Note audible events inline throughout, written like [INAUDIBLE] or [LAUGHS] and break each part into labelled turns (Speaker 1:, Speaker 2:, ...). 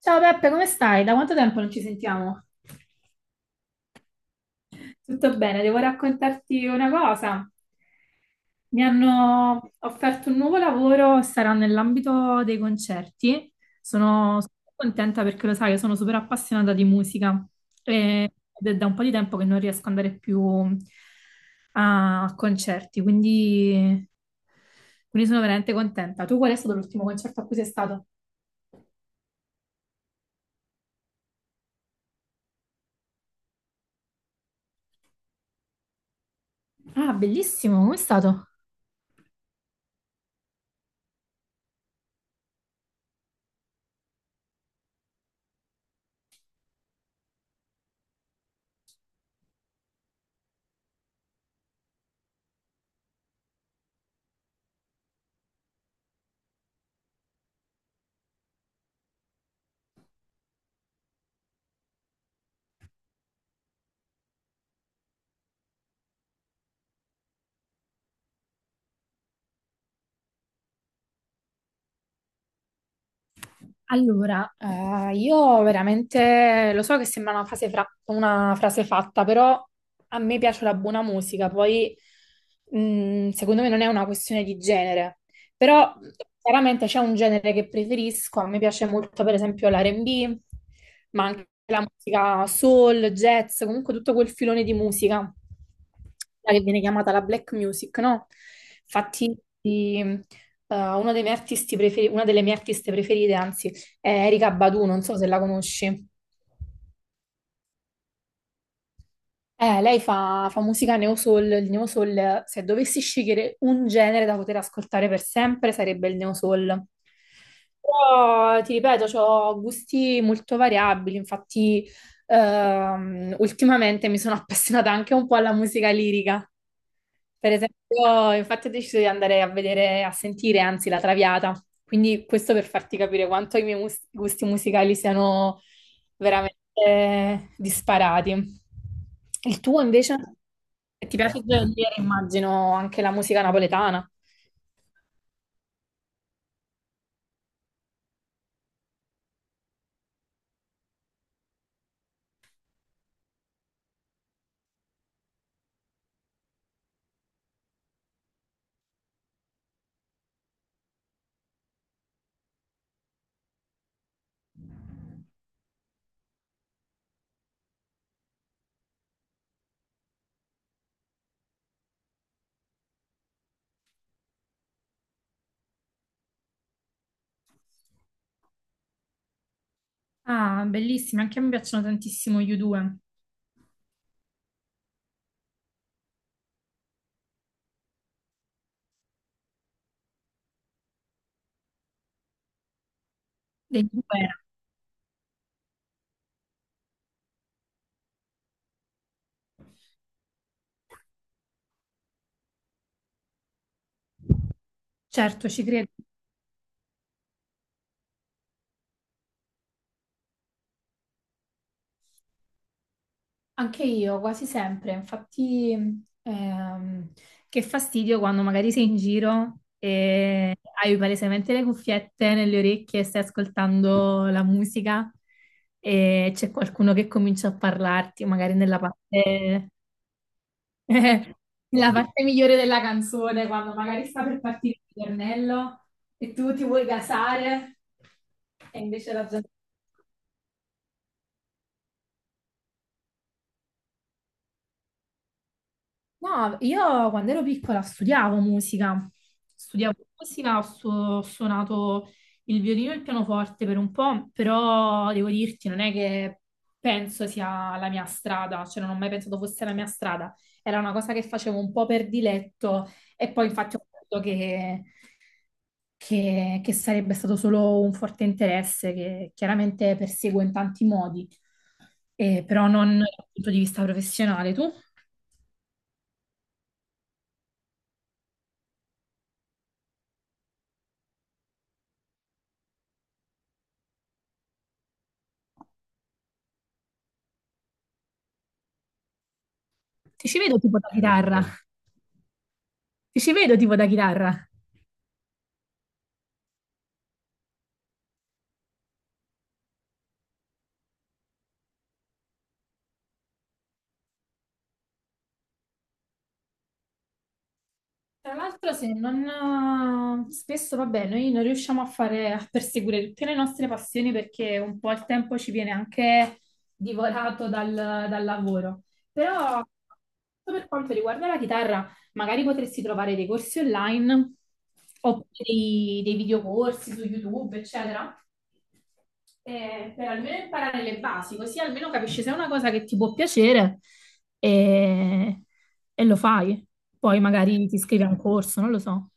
Speaker 1: Ciao Peppe, come stai? Da quanto tempo non ci sentiamo? Tutto bene, devo raccontarti una cosa. Mi hanno offerto un nuovo lavoro, sarà nell'ambito dei concerti. Sono super contenta perché lo sai, io sono super appassionata di musica ed è da un po' di tempo che non riesco ad andare più a concerti, quindi sono veramente contenta. Tu qual è stato l'ultimo concerto a cui sei stato? Ah, bellissimo, come è stato? Allora, io veramente lo so che sembra una frase, una frase fatta, però a me piace la buona musica, poi secondo me non è una questione di genere, però chiaramente c'è un genere che preferisco, a me piace molto per esempio l'R&B, ma anche la musica soul, jazz, comunque tutto quel filone di musica, quella che viene chiamata la black music, no? Infatti uno dei miei artisti preferi- una delle mie artiste preferite, anzi, è Erika Badu, non so se la conosci. Lei fa musica neo soul, il neo soul, se dovessi scegliere un genere da poter ascoltare per sempre, sarebbe il neo soul. Però, ti ripeto, ho gusti molto variabili, infatti, ultimamente mi sono appassionata anche un po' alla musica lirica. Per esempio, infatti ho deciso di andare a vedere, a sentire, anzi, la Traviata. Quindi questo per farti capire quanto i miei gusti musicali siano veramente disparati. Il tuo invece? Ti piace dire, immagino, anche la musica napoletana. Ah, bellissimi, anche a me piacciono tantissimo gli U2, degli U2, certo, ci credo. Anche io, quasi sempre. Infatti, che fastidio quando magari sei in giro e hai palesemente le cuffiette nelle orecchie e stai ascoltando la musica e c'è qualcuno che comincia a parlarti, magari nella parte, [LAUGHS] nella parte migliore della canzone, quando magari sta per partire il ritornello e tu ti vuoi gasare e invece la gente. No, io quando ero piccola studiavo musica, ho suonato il violino e il pianoforte per un po', però devo dirti, non è che penso sia la mia strada, cioè non ho mai pensato fosse la mia strada, era una cosa che facevo un po' per diletto e poi infatti ho capito che, che sarebbe stato solo un forte interesse che chiaramente perseguo in tanti modi, però non dal punto di vista professionale. Tu? Ti ci vedo tipo da chitarra. Ti ci vedo tipo da chitarra. Tra l'altro, se non spesso, vabbè, noi non riusciamo a fare a perseguire tutte le nostre passioni perché un po' il tempo ci viene anche divorato dal lavoro. Però, per quanto riguarda la chitarra, magari potresti trovare dei corsi online oppure dei videocorsi su YouTube, eccetera, per almeno imparare le basi, così almeno capisci se è una cosa che ti può piacere e, e lo fai. Poi magari ti iscrivi a un corso, non lo so.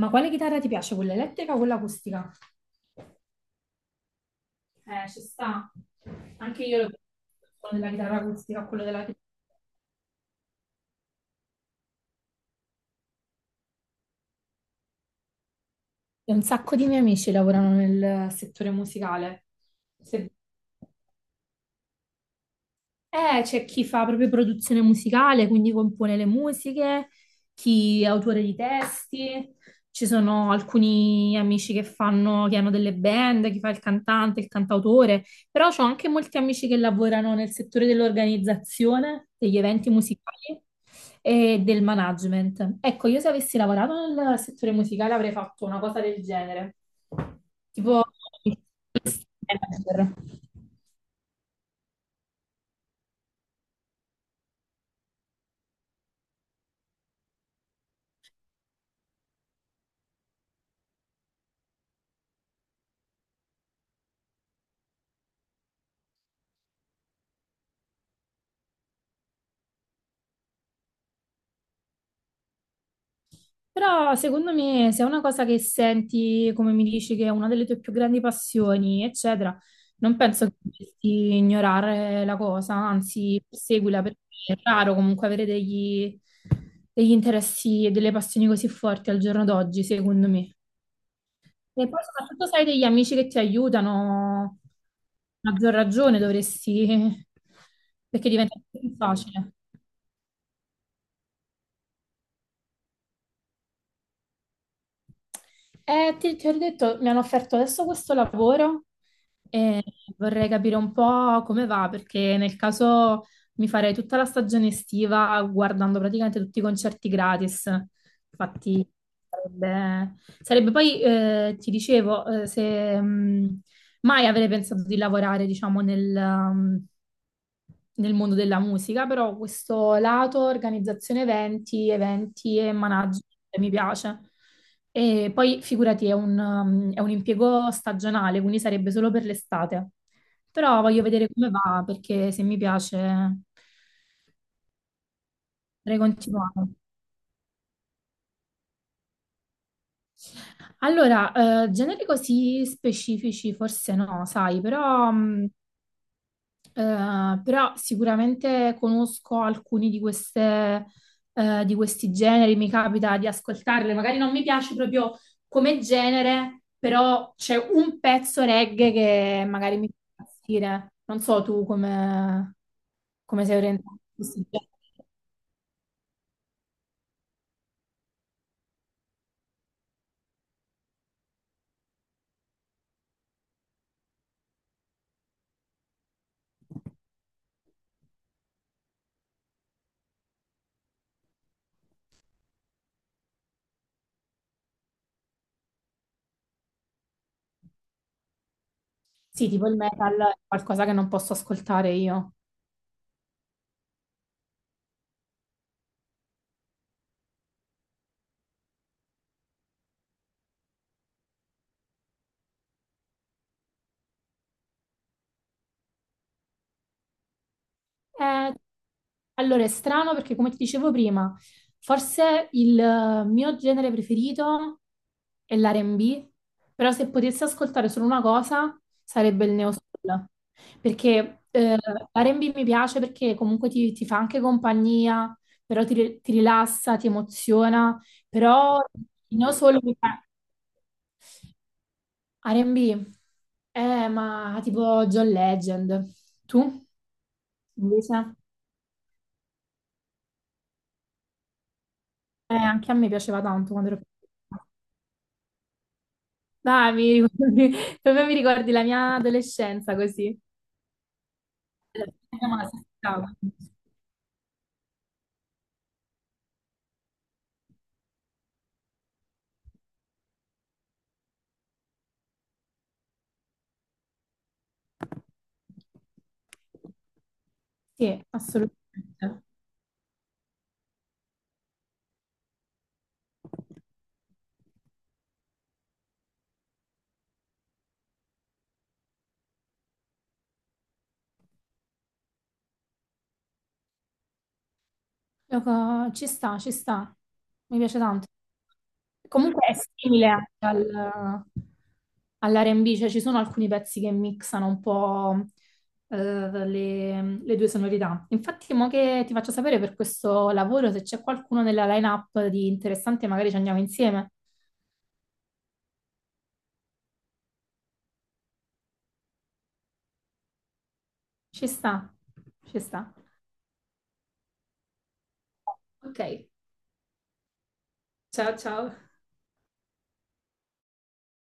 Speaker 1: Ma quale chitarra ti piace? Quella elettrica o quella acustica? Ci sta. Anche io, lo quello della chitarra acustica, quello della chitarra. Un sacco di miei amici lavorano nel settore musicale. Se C'è chi fa proprio produzione musicale, quindi compone le musiche, chi è autore di testi, ci sono alcuni amici che hanno delle band, chi fa il cantante, il cantautore, però ho anche molti amici che lavorano nel settore dell'organizzazione, degli eventi musicali e del management. Ecco, io se avessi lavorato nel settore musicale avrei fatto una cosa del genere, tipo manager. Però secondo me se è una cosa che senti, come mi dici, che è una delle tue più grandi passioni, eccetera, non penso che dovresti ignorare la cosa, anzi, perseguila perché è raro comunque avere degli interessi e delle passioni così forti al giorno d'oggi, secondo me. E poi soprattutto se hai degli amici che ti aiutano, a maggior ragione dovresti, perché diventa più facile. Ti ho detto, mi hanno offerto adesso questo lavoro e vorrei capire un po' come va, perché nel caso mi farei tutta la stagione estiva guardando praticamente tutti i concerti gratis. Infatti, sarebbe, sarebbe poi, ti dicevo, se, mai avrei pensato di lavorare, diciamo, nel mondo della musica, però questo lato organizzazione eventi e management mi piace. E poi figurati, è un impiego stagionale, quindi sarebbe solo per l'estate. Però voglio vedere come va, perché se mi piace potrei continuare. Allora, generi così specifici forse no, sai, però sicuramente conosco alcuni di questi generi, mi capita di ascoltarle, magari non mi piace proprio come genere, però c'è un pezzo reggae che magari mi fa impazzire. Non so tu come sei orientato a questi generi. Sì, tipo il metal è qualcosa che non posso ascoltare io. Eh, allora, è strano perché, come ti dicevo prima, forse il mio genere preferito è l'R&B, però se potessi ascoltare solo una cosa sarebbe il neo soul, perché l'R&B mi piace perché comunque ti fa anche compagnia, però ti rilassa, ti emoziona, però il neo soul mi fa. R&B, ma tipo John Legend. Tu, invece? Anche a me piaceva tanto quando ero piccola. Dai, mi ricordi- [LAUGHS] proprio mi ricordi la mia adolescenza così. Ma si stava. Sì, assolutamente. Ci sta, ci sta. Mi piace tanto. Comunque è simile anche all'R&B, cioè ci sono alcuni pezzi che mixano un po', eh, le due sonorità. Infatti, mo che ti faccio sapere per questo lavoro, se c'è qualcuno nella line-up di interessante, magari ci andiamo insieme. Ci sta, ci sta. Ok, ciao ciao.